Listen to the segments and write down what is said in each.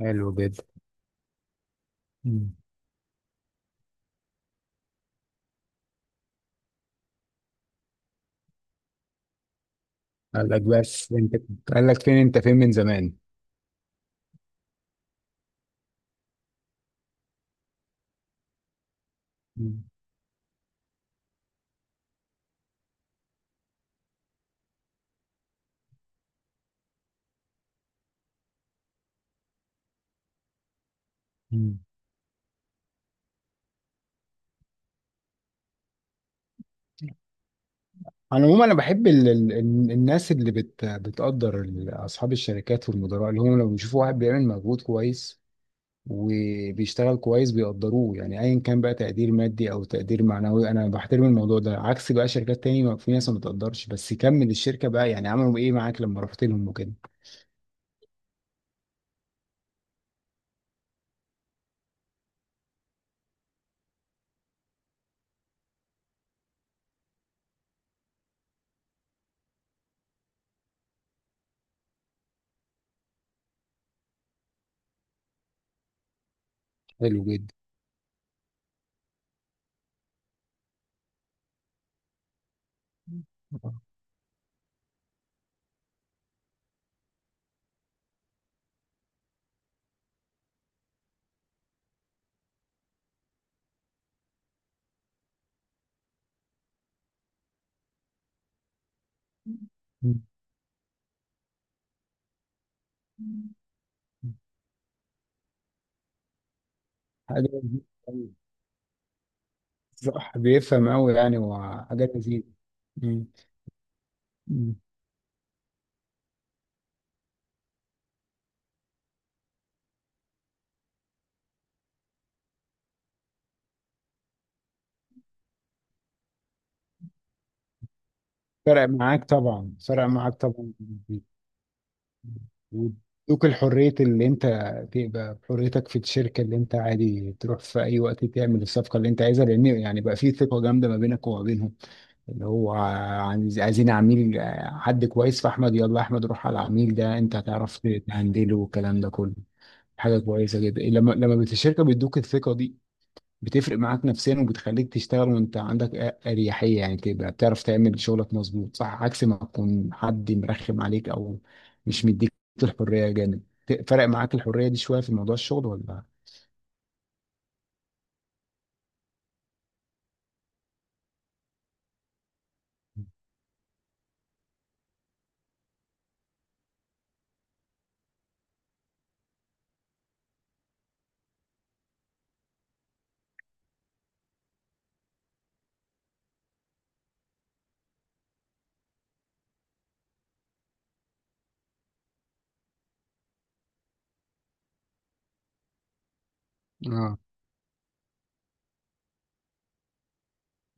حلو جدا. مم. قال لك بس انت قال لك فين انت، فين من زمان. مم. مم. على العموم انا بحب الناس بتقدر، اصحاب الشركات والمدراء اللي هم لما بيشوفوا واحد بيعمل مجهود كويس وبيشتغل كويس بيقدروه، يعني ايا كان بقى تقدير مادي او تقدير معنوي انا بحترم الموضوع ده. عكس بقى شركات تاني في ناس ما بتقدرش، بس كمل الشركه بقى، يعني عملوا ايه معاك لما رحت لهم وكده. حلو جدا. مم. حاجه. صح، بيفهم قوي يعني، وحاجات لذيذة. مم. مم. فرق معاك طبعا، فرق معاك طبعا. وادوك الحرية اللي انت تبقى بحريتك في الشركة، اللي انت عادي تروح في اي وقت تعمل الصفقة اللي انت عايزها، لان يعني بقى في ثقة جامدة ما بينك وما بينهم، اللي هو عايزين عميل، حد كويس، فاحمد يلا احمد روح على العميل ده انت هتعرف تهندله والكلام ده كله. حاجة كويسة جدا لما الشركة بيدوك الثقة دي، بتفرق معاك نفسيا وبتخليك تشتغل وانت عندك اريحيه، يعني تبقى بتعرف تعمل شغلك مظبوط، صح؟ عكس ما تكون حد مرخم عليك، او مش مديك الحريه. جامد، فرق معاك الحريه دي شويه في موضوع الشغل ولا؟ اه،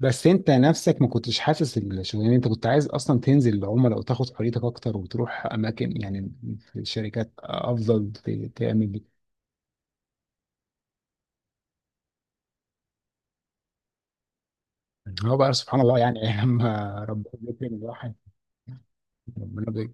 بس انت نفسك ما كنتش حاسس الشغلانه، انت كنت عايز اصلا تنزل العملاء وتاخد حريتك اكتر، وتروح اماكن يعني في الشركات افضل تعمل. هو بقى سبحان الله يعني لما ربنا بيكرم الواحد. ربنا.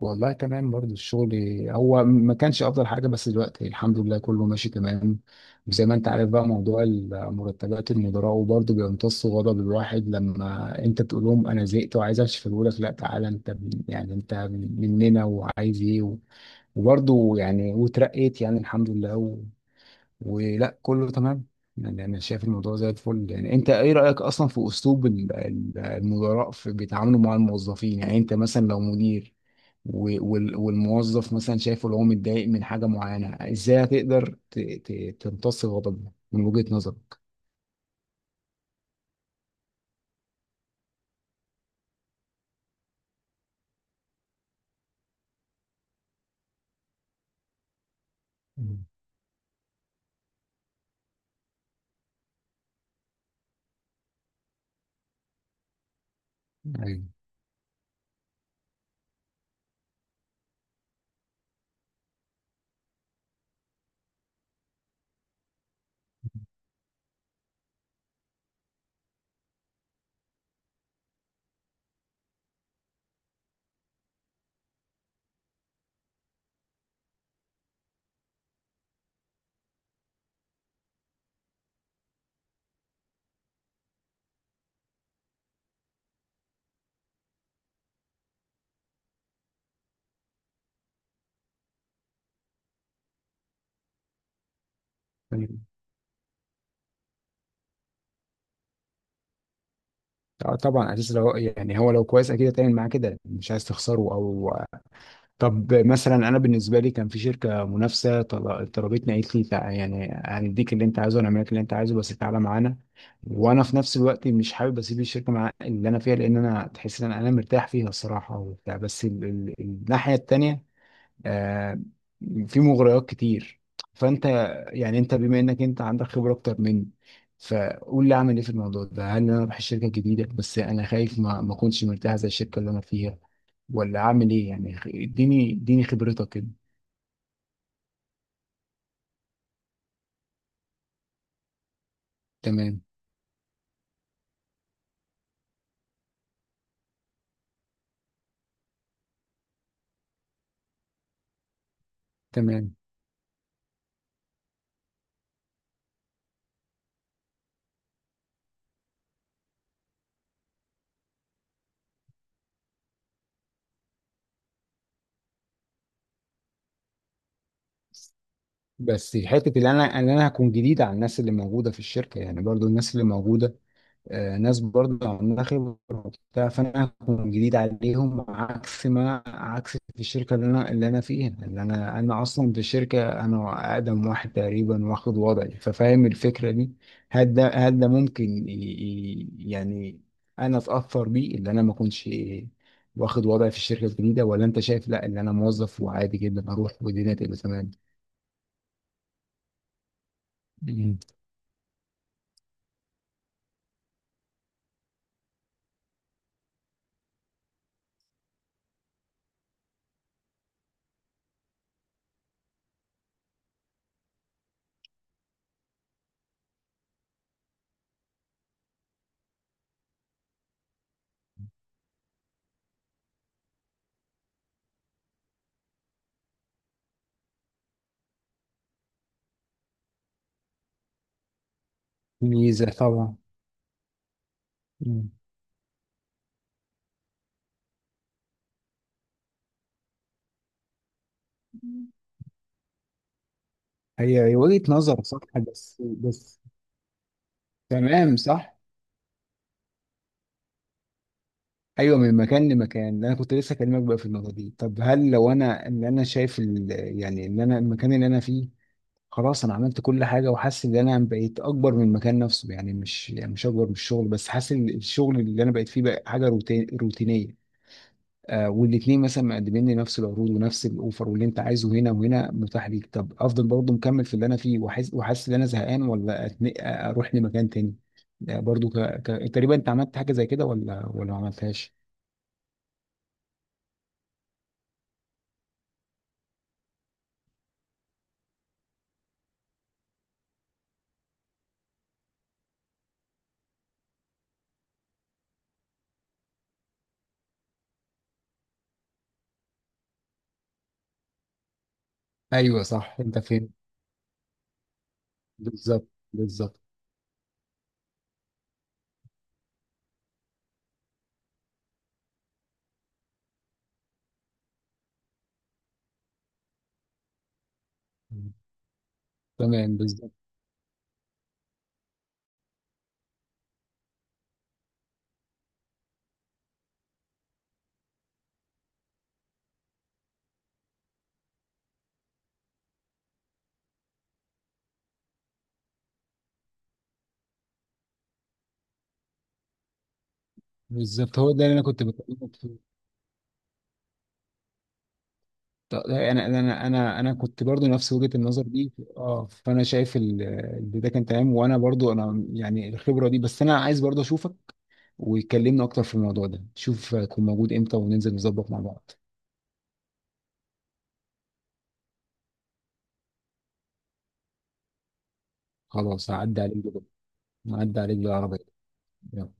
والله تمام برضه الشغل، هو ما كانش افضل حاجه، بس دلوقتي الحمد لله كله ماشي تمام. وزي ما انت عارف بقى موضوع المرتبات، المدراء وبرضه بيمتصوا غضب الواحد لما انت تقول لهم انا زهقت وعايز امشي، فيقول لك لا تعالى انت يعني انت مننا وعايز ايه، وبرضه يعني وترقيت يعني الحمد لله ولا كله تمام. يعني انا شايف الموضوع زي الفل. يعني انت ايه رايك اصلا في اسلوب المدراء في بيتعاملوا مع الموظفين؟ يعني انت مثلا لو مدير والموظف، مثلا شايفه لو هو متضايق من حاجة معينة، ازاي هتقدر تمتص غضبه من وجهة نظرك؟ مم. أيوة. أيوة. آه، طبعا، اساس لو يعني هو لو كويس اكيد هتعمل معاه كده، مش عايز تخسره. او طب مثلا انا بالنسبه لي كان في شركه منافسه طلبتني، قالت لي يعني هنديك اللي انت عايزه ونعمل لك اللي انت عايزه بس تعالى معانا. وانا في نفس الوقت مش حابب اسيب الشركه مع اللي انا فيها، لان انا تحس ان أنا مرتاح فيها الصراحه وبتاع، بس الناحيه التانيه آه، في مغريات كتير. فانت، يعني انت بما انك انت عندك خبره اكتر مني، فقول لي اعمل ايه في الموضوع ده. هل انا اروح الشركه الجديده؟ بس انا خايف ما اكونش مرتاح زي الشركه اللي انا فيها. ولا اعمل ايه يعني، اديني اديني خبرتك كده. تمام. تمام. بس حته اللي انا هكون جديد على الناس اللي موجوده في الشركه، يعني برضو الناس اللي موجوده آه، ناس برضه عندها خبرة وبتاع، فأنا هكون جديد عليهم، عكس ما، في الشركة اللي أنا فيها، اللي أنا أصلا في الشركة أنا أقدم واحد تقريبا واخد وضعي، ففاهم الفكرة دي. هل ده ممكن يعني أنا أتأثر بيه، اللي أنا ما أكونش واخد وضعي في الشركة الجديدة؟ ولا أنت شايف لأ، اللي أنا موظف وعادي جدا أروح والدنيا تبقى تمام؟ مم. ميزة طبعا. مم. هي وجهة نظر صح، بس بس. تمام صح. ايوه، من مكان لمكان. انا كنت لسه اكلمك بقى في النقطه دي. طب هل لو انا ان انا شايف يعني ان انا المكان اللي انا فيه خلاص، انا عملت كل حاجه وحاسس ان انا بقيت اكبر من المكان نفسه، يعني مش، اكبر من الشغل بس حاسس ان الشغل اللي انا بقيت فيه بقى حاجه روتينيه، آه، والاثنين مثلا مقدمين لي نفس العروض ونفس الاوفر، واللي انت عايزه هنا وهنا متاح ليك، طب افضل برضه مكمل في اللي انا فيه وحاسس، ان انا زهقان، ولا اروح لمكان تاني؟ آه، برضه تقريبا انت عملت حاجه زي كده ولا ما عملتهاش. ايوه صح. انت فين؟ بالظبط. بالظبط. مم. تمام. بالظبط. بالظبط، هو ده اللي انا كنت بكلمك فيه. طب انا كنت برضو نفس وجهة النظر دي، اه، فانا شايف اللي ده كان تمام. وانا برضو انا يعني الخبرة دي، بس انا عايز برضو اشوفك ويكلمني اكتر في الموضوع ده. شوف هيكون موجود امتى وننزل نظبط مع بعض. خلاص، هعدي عليك بكره. هعدي عليك بالعربية. يلا.